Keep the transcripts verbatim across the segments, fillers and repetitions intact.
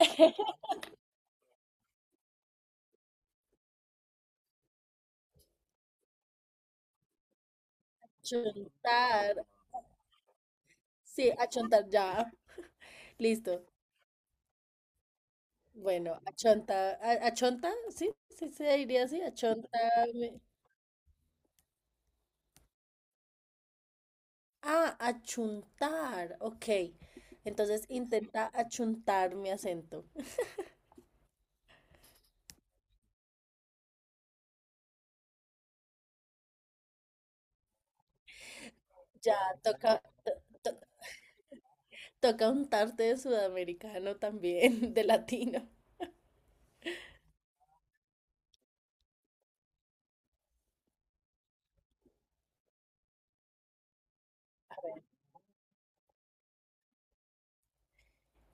Achontar. Sí, achontar ya. Listo. Bueno, achonta. A- ¿Achonta? Sí, sí, sí, se diría así. Achonta. Ah, achuntar. Ok. Entonces intenta achuntar mi acento. Ya, toca. Toca untarte de sudamericano también, de latino.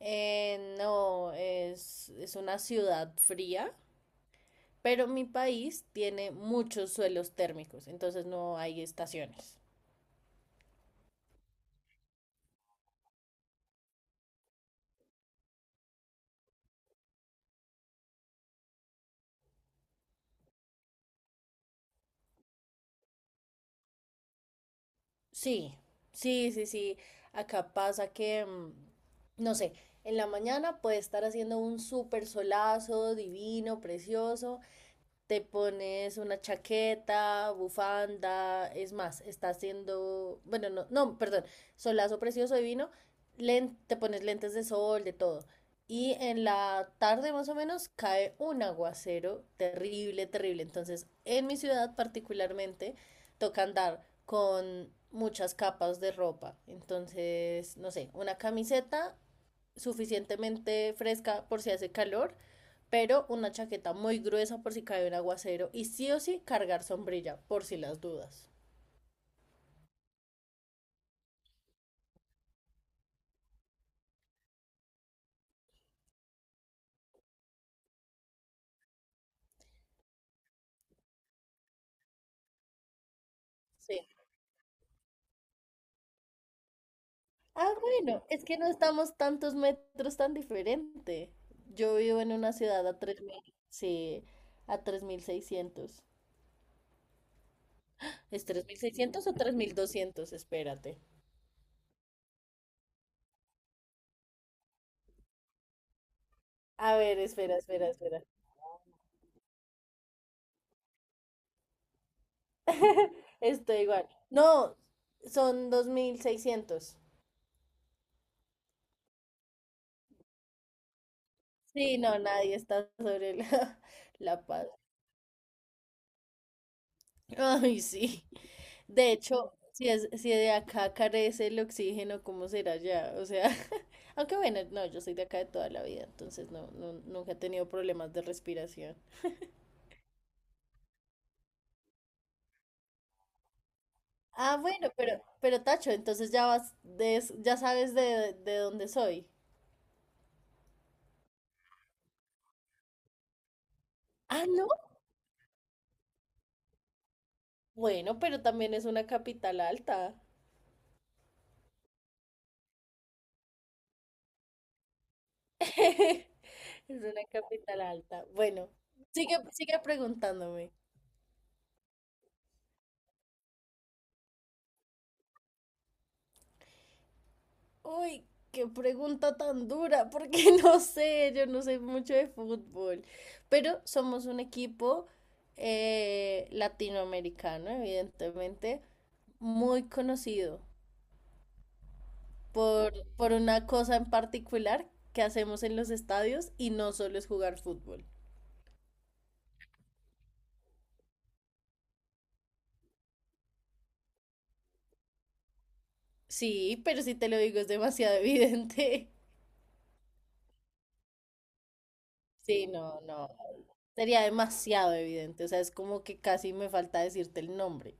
Eh, no, es, es una ciudad fría, pero mi país tiene muchos suelos térmicos, entonces no hay estaciones. Sí, sí, sí, sí. Acá pasa que, mm, no sé, en la mañana puede estar haciendo un súper solazo divino, precioso, te pones una chaqueta, bufanda, es más, está haciendo, bueno, no, no, perdón, solazo precioso divino, len- te pones lentes de sol, de todo. Y en la tarde más o menos cae un aguacero terrible, terrible. Entonces, en mi ciudad particularmente, toca andar con muchas capas de ropa. Entonces, no sé, una camiseta suficientemente fresca por si hace calor, pero una chaqueta muy gruesa por si cae un aguacero y sí o sí cargar sombrilla por si las dudas. Sí. Ah, bueno, es que no estamos tantos metros tan diferente. Yo vivo en una ciudad a tres mil, sí, a tres mil seiscientos. ¿Es tres mil seiscientos o tres mil doscientos? Espérate. A ver, espera, espera, espera. Estoy igual. No, son dos mil seiscientos. Sí, no, nadie está sobre la, la paz. Ay, sí. De hecho, si es, si de acá carece el oxígeno, ¿cómo será ya? O sea, aunque bueno, no, yo soy de acá de toda la vida, entonces no, no, nunca he tenido problemas de respiración. Ah, bueno, pero, pero Tacho, entonces ya vas, des- ya sabes de, de dónde soy. Ah, no. Bueno, pero también es una capital alta. Es una capital alta. Bueno, sigue, sigue preguntándome. Uy, qué pregunta tan dura, porque no sé, yo no sé mucho de fútbol, pero somos un equipo eh, latinoamericano, evidentemente, muy conocido por, por una cosa en particular que hacemos en los estadios y no solo es jugar fútbol. Sí, pero si te lo digo es demasiado evidente. Sí, no, no, sería demasiado evidente, o sea, es como que casi me falta decirte el nombre.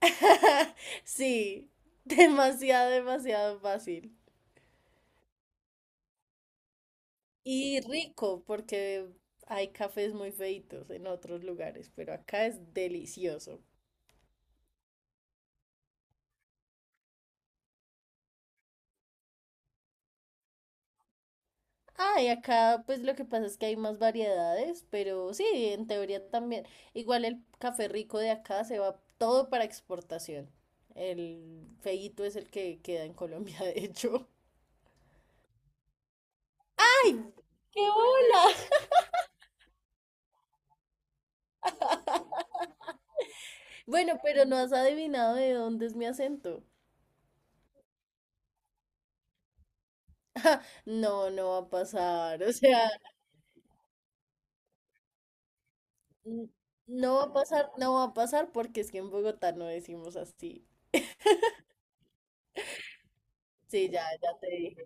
Sí, demasiado, demasiado fácil. Y rico, porque hay cafés muy feitos en otros lugares, pero acá es delicioso. Ah, y acá pues lo que pasa es que hay más variedades, pero sí, en teoría también. Igual el café rico de acá se va todo para exportación. El feíto es el que queda en Colombia, de hecho. ¡Ay! ¡Qué bola! Bueno, pero no has adivinado de dónde es mi acento. No, no va a pasar, o sea, n- no va a pasar, no va a pasar porque es que en Bogotá no decimos así. Sí, ya, ya te dije.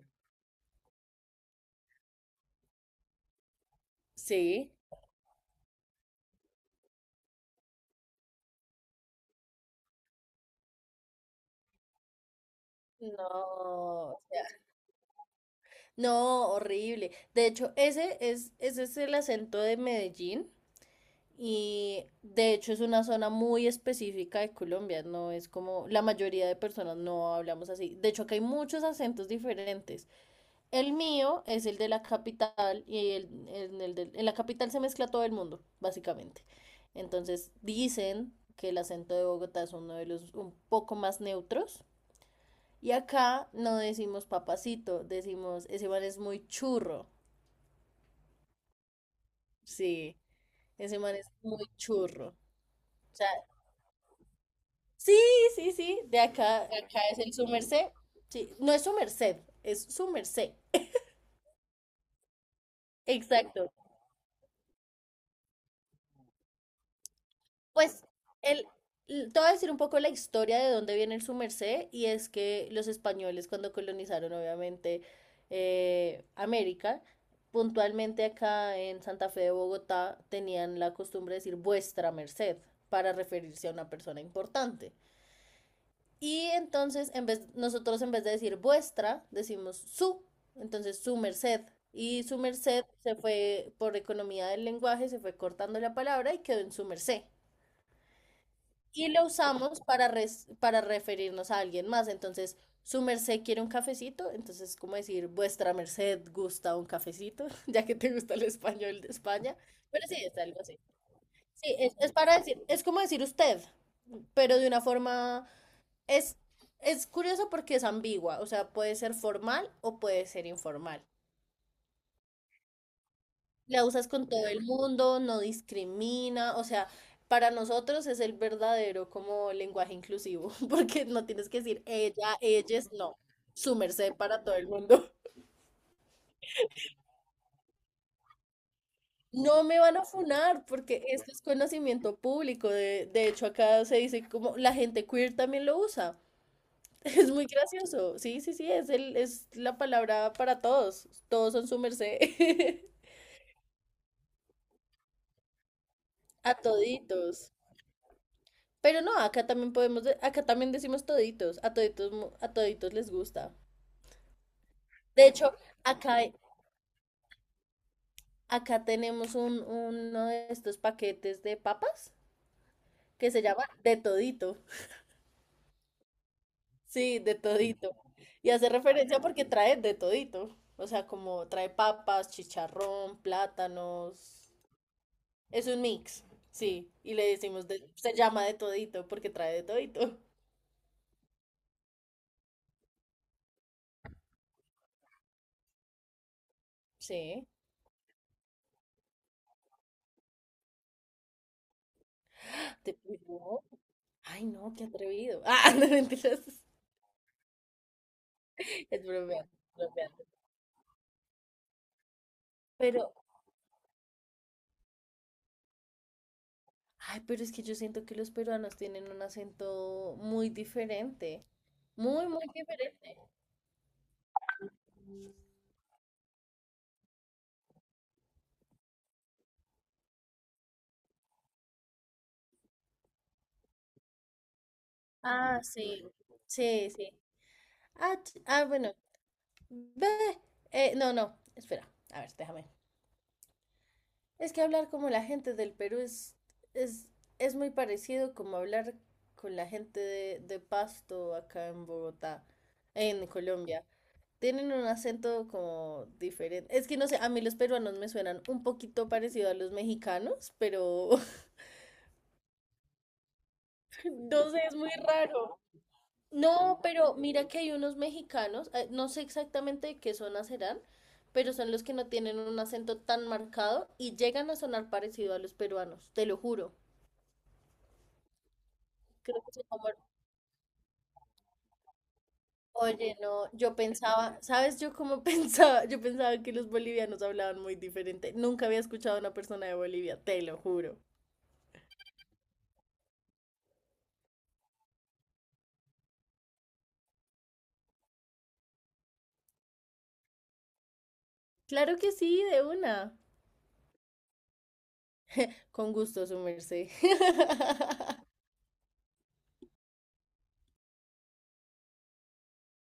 Sí. No, o sea, no, horrible. De hecho, ese es, ese es el acento de Medellín y de hecho es una zona muy específica de Colombia, no es como la mayoría de personas no hablamos así. De hecho, acá hay muchos acentos diferentes. El mío es el de la capital y el, en, el de- en la capital se mezcla todo el mundo, básicamente. Entonces dicen que el acento de Bogotá es uno de los un poco más neutros. Y acá no decimos papacito, decimos ese man es muy churro. Sí, ese man es muy churro. O sea, sí, sí, sí, de acá, acá es el su merced. Sí, no es su merced, es su merced. Exacto. Pues el, l- te voy a decir un poco la historia de dónde viene el sumercé y es que los españoles cuando colonizaron obviamente eh, América, puntualmente acá en Santa Fe de Bogotá tenían la costumbre de decir vuestra merced para referirse a una persona importante. Y entonces en vez, nosotros en vez de decir vuestra decimos su, entonces su merced. Y su merced se fue por economía del lenguaje, se fue cortando la palabra y quedó en su merced y lo usamos para, res- para referirnos a alguien más. Entonces, su merced quiere un cafecito, entonces es como decir, vuestra merced gusta un cafecito, ya que te gusta el español de España, pero sí, es algo así. Sí, es, es para decir, es como decir usted, pero de una forma, es, es curioso porque es ambigua, o sea, puede ser formal o puede ser informal. La usas con todo el mundo, no discrimina, o sea, para nosotros es el verdadero como lenguaje inclusivo, porque no tienes que decir ella, ellas, no, su merced para todo el mundo. No me van a funar porque esto es conocimiento público, de, de hecho acá se dice como la gente queer también lo usa, es muy gracioso, sí, sí, sí, es, el, es la palabra para todos, todos son su merced, a toditos. Pero no, acá también podemos, de- acá también decimos toditos, a toditos, mo- a toditos les gusta. De hecho, acá, hay- acá tenemos un, uno de estos paquetes de papas que se llama de todito. Sí, de todito. Y hace referencia porque trae de todito. O sea, como trae papas, chicharrón, plátanos. Es un mix, sí. Y le decimos, de- se llama de todito porque trae de todito. Sí. ¿Te pegó? Ay, no, qué atrevido. Ah, no mentiras. Es bromeando, bromeando. Pero, ay, pero es que yo siento que los peruanos tienen un acento muy diferente. Muy, muy diferente. Ah, sí. Sí, sí. Ah, ch- ah, bueno. ve- eh, no, no. Espera. A ver, déjame. Es que hablar como la gente del Perú es, es, es muy parecido como hablar con la gente de, de Pasto acá en Bogotá, en Colombia. Tienen un acento como diferente. Es que no sé, a mí los peruanos me suenan un poquito parecido a los mexicanos, pero no sé, es muy raro. No, pero mira que hay unos mexicanos, eh, no sé exactamente de qué zona serán, pero son los que no tienen un acento tan marcado y llegan a sonar parecido a los peruanos, te lo juro. Creo que son como- Oye, no, yo pensaba, ¿sabes yo cómo pensaba? Yo pensaba que los bolivianos hablaban muy diferente. Nunca había escuchado a una persona de Bolivia, te lo juro. Claro que sí, de una. Con gusto, su merced.